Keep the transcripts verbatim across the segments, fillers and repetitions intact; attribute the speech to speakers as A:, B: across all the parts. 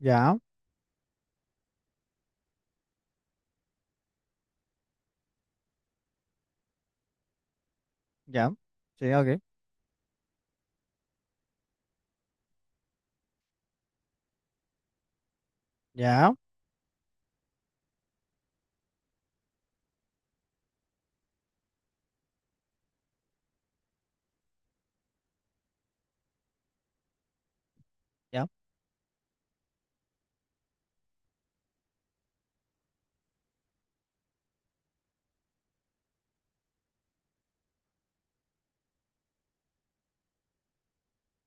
A: Ya, ya, sí, ok, ya, ya,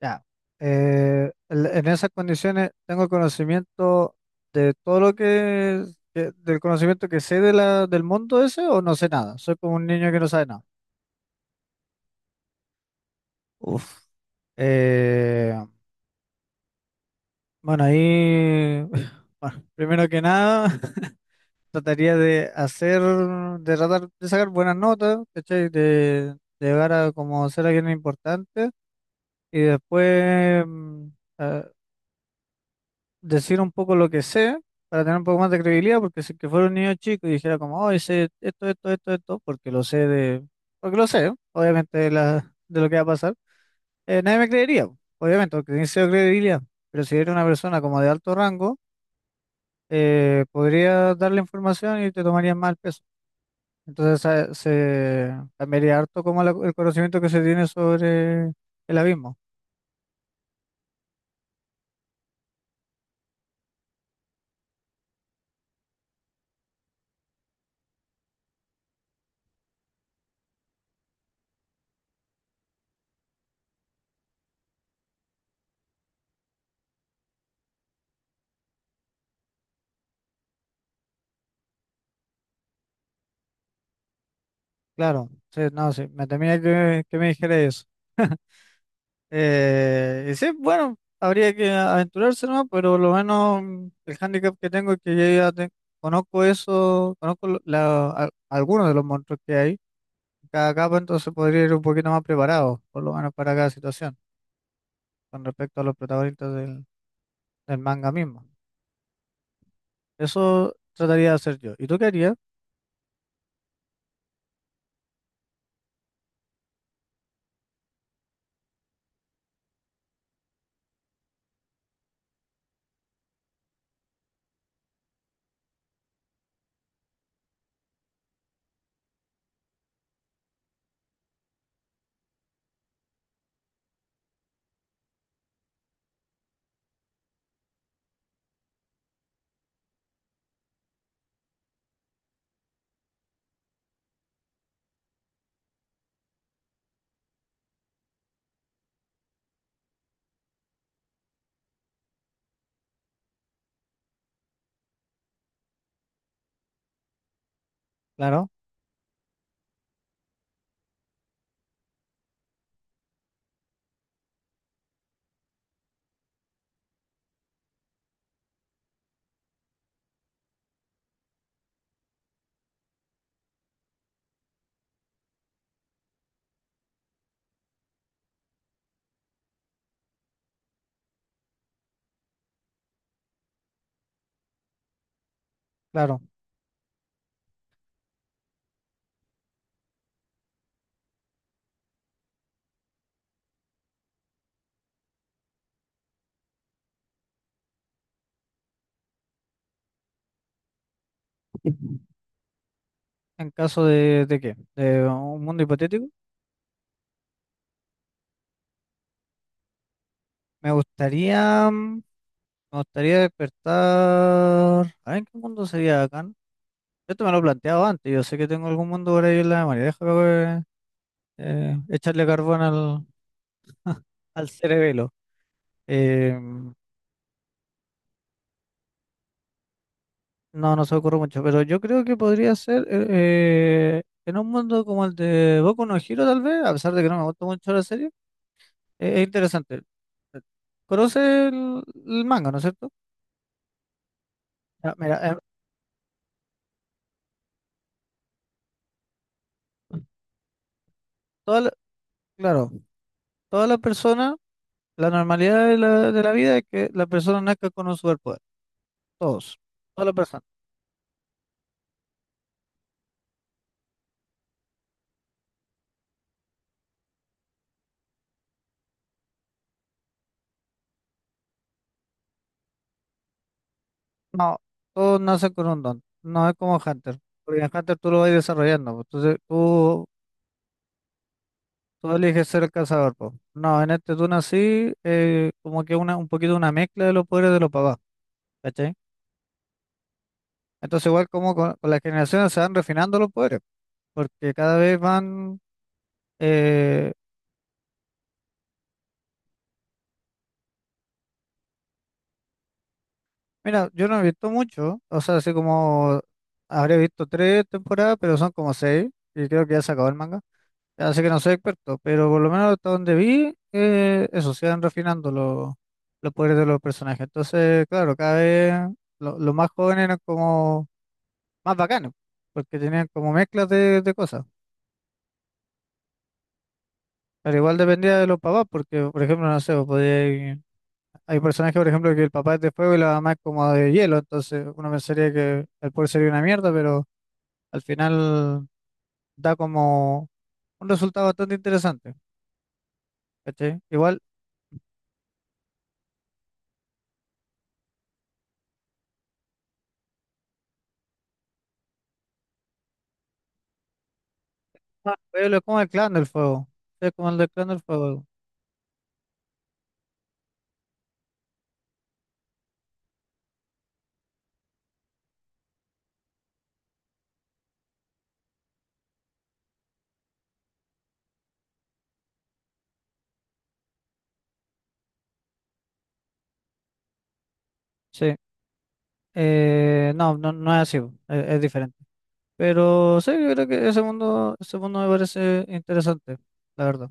A: ya. Eh, el- en esas condiciones tengo conocimiento de todo lo que, que- del conocimiento que sé de la, del mundo ese o no sé nada. Soy como un niño que no sabe nada. Uf, Eh, bueno, ahí, bueno, primero que nada, trataría de hacer, de tratar de sacar buenas notas, ¿cachai? De, de llegar a como ser alguien importante y después, mm, a- decir un poco lo que sé para tener un poco más de credibilidad, porque si que fuera un niño chico y dijera como, oh, sé esto, esto, esto, esto, porque lo sé de, porque lo sé, obviamente, de, la, de lo que va a pasar, eh, nadie me creería, po, obviamente, porque tiene cero credibilidad, pero si era una persona como de alto rango, eh, podría darle información y te tomarían mal peso. Entonces se, se cambiaría harto como la- el conocimiento que se tiene sobre el abismo. Claro, sí, no, sí, me temía que, que me dijera eso. Eh, y sí, bueno, habría que aventurarse, ¿no? Pero lo menos mm, el handicap que tengo es que yo ya te- conozco eso, conozco lo- la- a- algunos de los monstruos que hay en cada capa, entonces podría ir un poquito más preparado, por lo menos para cada situación, con respecto a los protagonistas del, del manga mismo. Eso trataría de hacer yo. ¿Y tú qué harías? Claro, claro. ¿En caso de, de qué? ¿De un mundo hipotético? Me gustaría, mm, me gustaría despertar. A ver, ¿en qué mundo sería acá? Yo te me lo he planteado antes, yo sé que tengo algún mundo por ahí en la memoria. Déjame eh, echarle carbón al, al cerebelo. Eh, no, no se me ocurre mucho, pero yo creo que podría ser eh, eh, en un mundo como el de Boku no Hero, tal vez, a pesar de que no me gusta mucho la serie, eh, es interesante. Conoce el, el manga, ¿no es cierto? Ah, mira, eh, toda la- claro, todas las personas, la normalidad de la, de la vida es que la persona nazca con un superpoder, todos, todas las personas. No, tú naces con un don. No es como Hunter. Porque en Hunter tú lo vas desarrollando, pues. Entonces tú, tú eliges ser el cazador, pues. No, en este tú nací eh, como que una, un poquito una mezcla de los poderes de los papás. ¿Cachai? Entonces igual como con, con las generaciones se van refinando los poderes. Porque cada vez van... eh, mira, yo no he visto mucho. O sea, así como habré visto tres temporadas, pero son como seis. Y creo que ya se acabó el manga. Así que no soy experto, pero por lo menos hasta donde vi, eh, eso, se van refinando los los poderes de los personajes. Entonces, claro, cada vez lo- los más jóvenes eran como más bacanes, porque tenían como mezclas de, de cosas. Pero igual dependía de los papás, porque, por ejemplo, no sé, vos podíais- hay personajes, por ejemplo, que el papá es de fuego y la mamá es como de hielo, entonces uno pensaría que el poder sería una mierda, pero al final da como un resultado bastante interesante. ¿Cachai? Igual. Ah, Pueblo es como el clan del fuego. Es como el del clan del fuego. Sí. Eh, no, no, no es así, bo. Es, es diferente. Pero sí, yo creo que ese mundo, ese mundo me parece interesante, la verdad.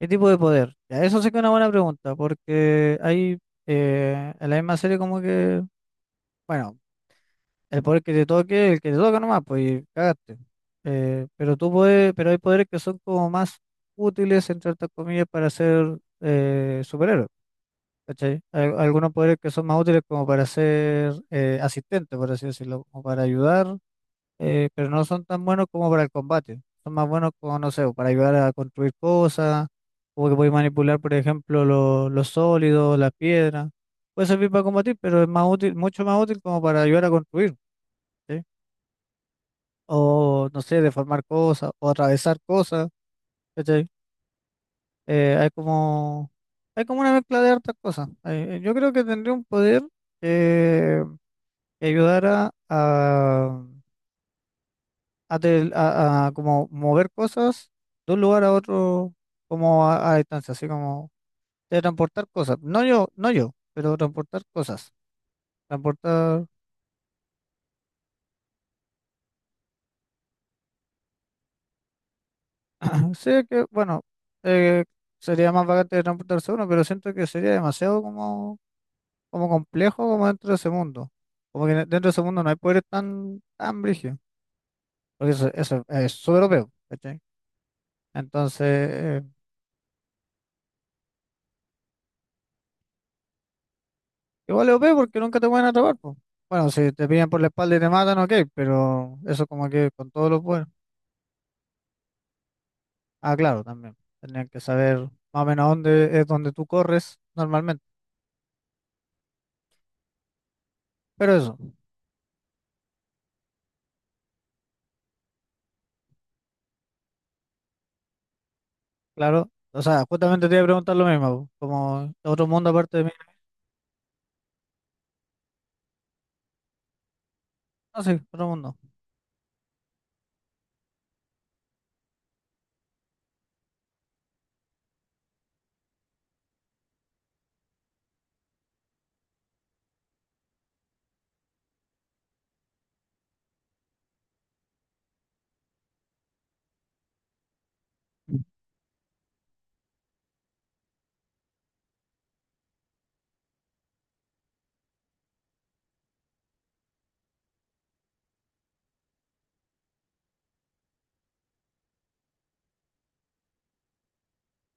A: ¿Qué tipo de poder? Ya, eso sí que es una buena pregunta, porque hay eh, en la misma serie como que, bueno, el poder que te toque, el que te toca nomás, pues, y cagaste. Eh, pero tú puedes, pero hay poderes que son como más útiles, entre otras comillas, para ser eh, superhéroe. ¿Cachai? Al- algunos poderes que son más útiles como para ser eh, asistente, por así decirlo, como para ayudar, eh, pero no son tan buenos como para el combate. Son más buenos como, no sé, para ayudar a construir cosas, o que podéis manipular, por ejemplo, lo- los sólidos, las piedras. Puede servir para combatir, pero es más útil, mucho más útil como para ayudar a construir, ¿cachai? O, no sé, deformar cosas, o atravesar cosas, ¿cachai? Eh, hay como, hay como una mezcla de hartas cosas. Eh, yo creo que tendría un poder eh, que ayudara a, a, tel- a- a como mover cosas de un lugar a otro como a, a distancia, así como de transportar cosas. No yo, no yo, pero transportar cosas. Transportar, sí que, bueno, eh, sería más bacán de transportarse uno, pero siento que sería demasiado como, como complejo como dentro de ese mundo. Como que dentro de ese mundo no hay poderes tan, tan brígidos, porque eso, eso es súper O P, ¿cachai? Entonces, igual es O P porque nunca te pueden atrapar, po. Bueno, si te pillan por la espalda y te matan, ok, pero eso como que con todos los poderes. Ah, claro, también. Tendrían que saber más o menos a dónde es donde tú corres normalmente. Pero eso, claro. O sea, justamente te iba a preguntar lo mismo, po, como otro mundo aparte de mí. No sé, otro mundo.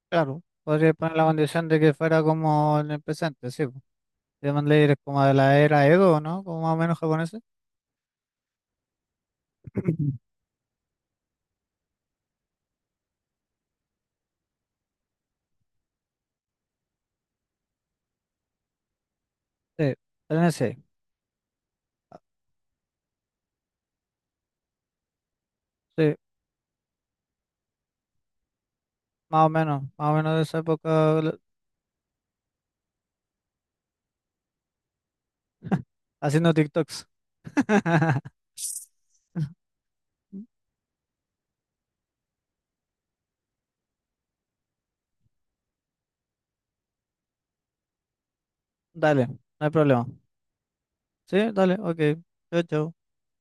A: Claro, podría poner la condición de que fuera como en el presente, sí, po. Demon Slayer es como de la era Edo, ¿no? Como más o menos japonés. Sí, tenés, ese. Sí, más o menos, más o menos de esa época. Haciendo TikToks. Dale, no hay problema. Sí, dale, ok. Chao, chao.